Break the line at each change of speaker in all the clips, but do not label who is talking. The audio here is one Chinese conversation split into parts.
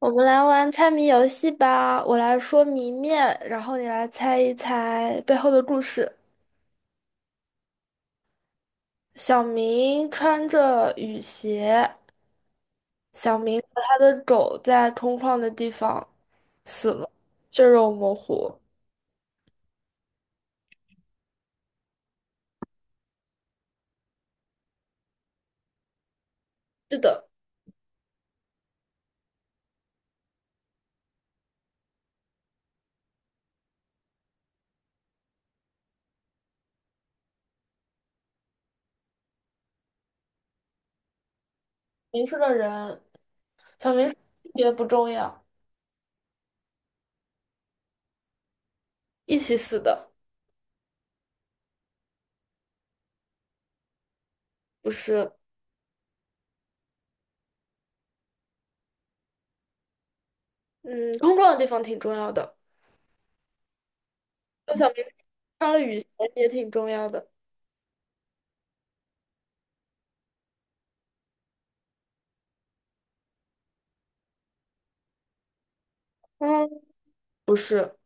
我们来玩猜谜游戏吧，我来说谜面，然后你来猜一猜背后的故事。小明穿着雨鞋，小明和他的狗在空旷的地方死了，血肉模糊。是的，迷是个人，小明性别不重要，一起死的，不是。嗯，空旷的地方挺重要的，就小明穿了雨鞋也挺重要的。嗯，不是，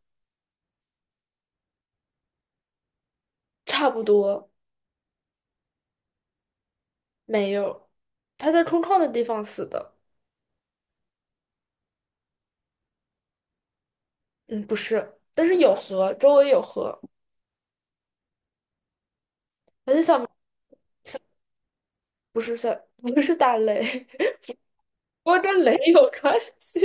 差不多。没有，他在空旷的地方死的。嗯，不是，但是有河，周围有河。很小，不是小，不是打雷，不过跟雷有关系。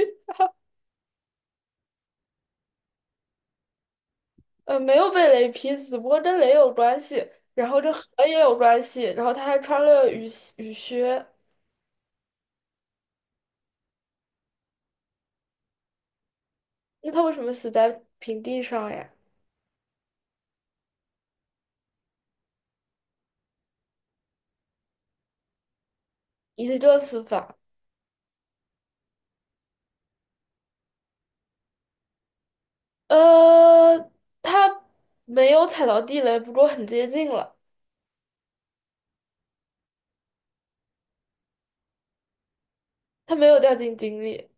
没有被雷劈死，不过跟雷有关系，然后这河也有关系，然后他还穿了雨鞋雨靴，那他为什么死在平地上呀？一个死法，呃，他没有踩到地雷，不过很接近了，他没有掉进井里，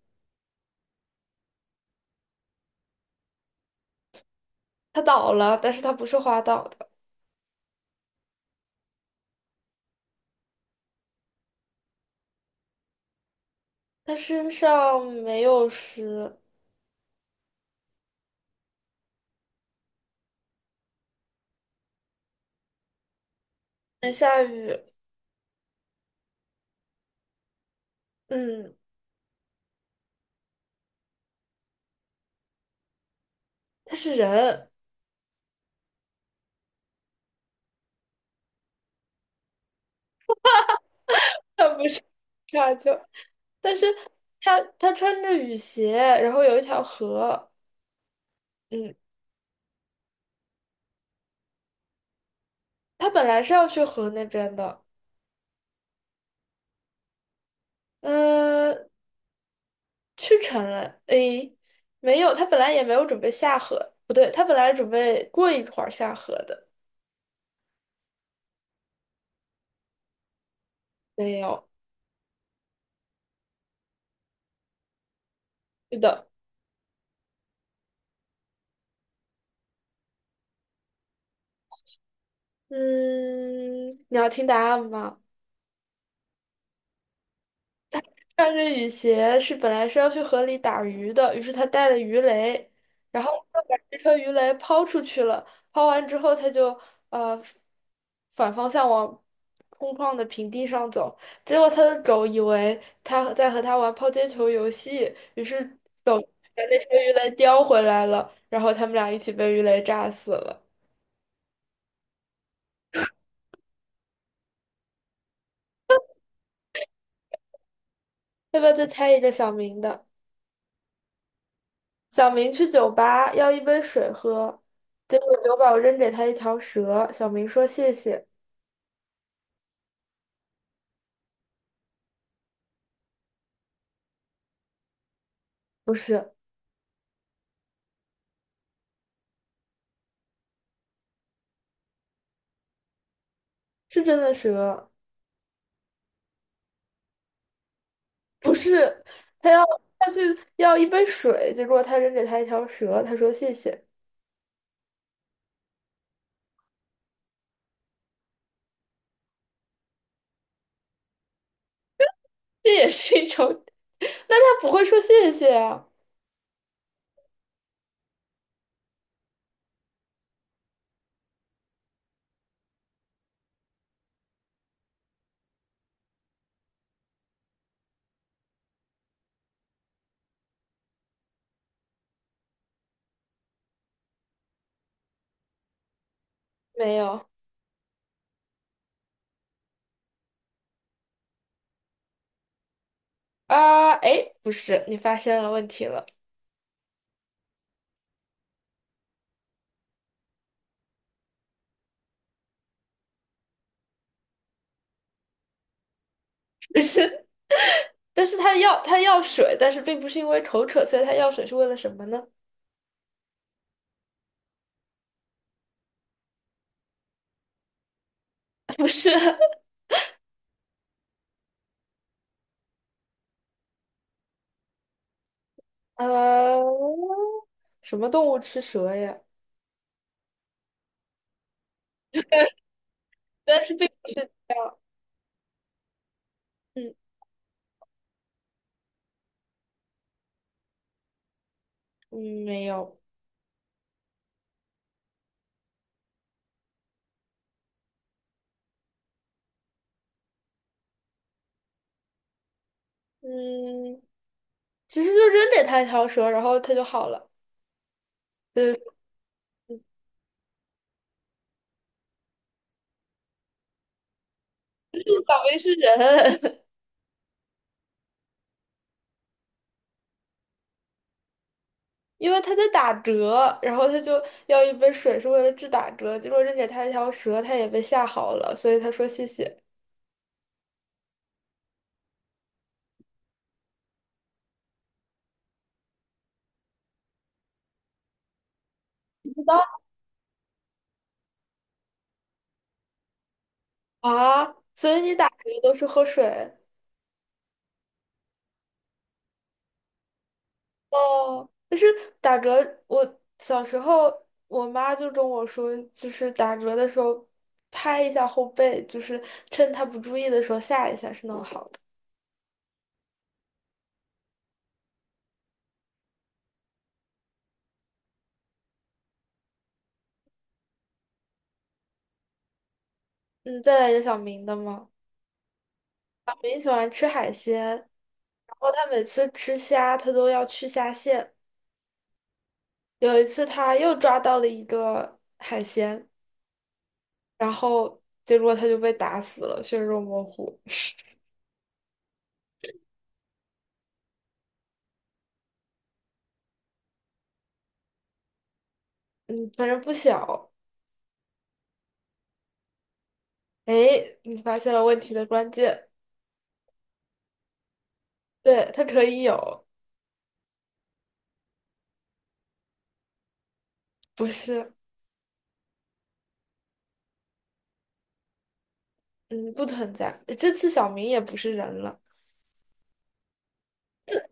他倒了，但是他不是滑倒的。他身上没有湿，没下雨。嗯，他是人，他不是 沙丘，但是他穿着雨鞋，然后有一条河。嗯，他本来是要去河那边的，嗯、去成了。诶，没有，他本来也没有准备下河，不对，他本来准备过一会儿下河的，没有。是的，嗯，你要听答案吗？穿着雨鞋是本来是要去河里打鱼的，于是他带了鱼雷，然后他把这条鱼雷抛出去了。抛完之后，他就呃反方向往空旷的平地上走。结果他的狗以为他在和他玩抛接球游戏，于是狗把那条鱼雷叼回来了，然后他们俩一起被鱼雷炸死了。要不要再猜一个小明的？小明去酒吧要一杯水喝，结果酒保扔给他一条蛇。小明说谢谢，不是，是真的蛇，不是，他要他去要一杯水，结果他扔给他一条蛇，他说谢谢，这也是一种，那他不会说谢谢啊？没有啊，哎，不是，你发现了问题了，不是，但是他要水，但是并不是因为口渴，所以他要水是为了什么呢？不是，呃，什么动物吃蛇呀？但是被嗯嗯没有嗯，其实就扔给他一条蛇，然后他就好了。嗯，不想喂是人，因为他在打嗝，然后他就要一杯水是为了治打嗝，结果扔给他一条蛇，他也被吓好了，所以他说谢谢。啊，所以你打嗝都是喝水哦？但是打嗝，我小时候我妈就跟我说，就是打嗝的时候拍一下后背，就是趁他不注意的时候吓一下是能好的。嗯，再来一个小明的吗？小明喜欢吃海鲜，然后他每次吃虾，他都要去虾线。有一次，他又抓到了一个海鲜，然后结果他就被打死了，血肉模糊。嗯，反正不小。哎，你发现了问题的关键，对，他可以有，不是，嗯，不存在。这次小明也不是人了，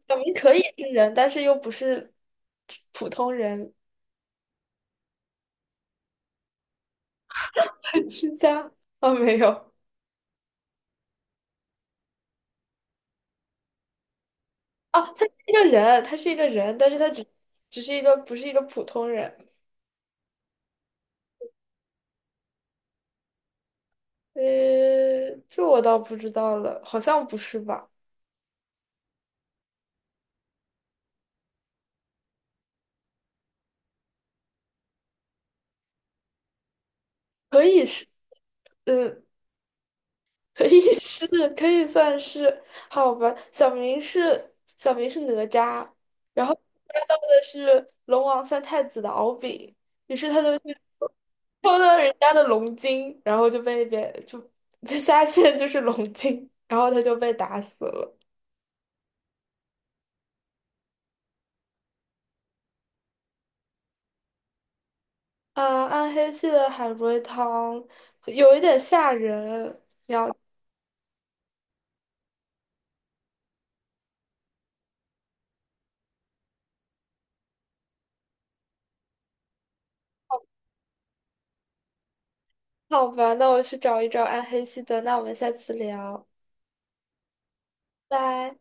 小明可以是人，但是又不是普通人，吃虾。哦，没有。哦，他是一个人，他是一个人，但是他只是一个不是一个普通人。呃，这我倒不知道了，好像不是吧？可以是，嗯，可以 是，可以算是，好吧。小明是哪吒，然后抓到的是龙王三太子的敖丙，于是他偷了人家的龙筋，然后就被别就 下线就是龙筋，然后他就被打死了。啊，暗黑系的海龟汤有一点吓人。好吧，那我去找一找暗黑系的，那我们下次聊，拜。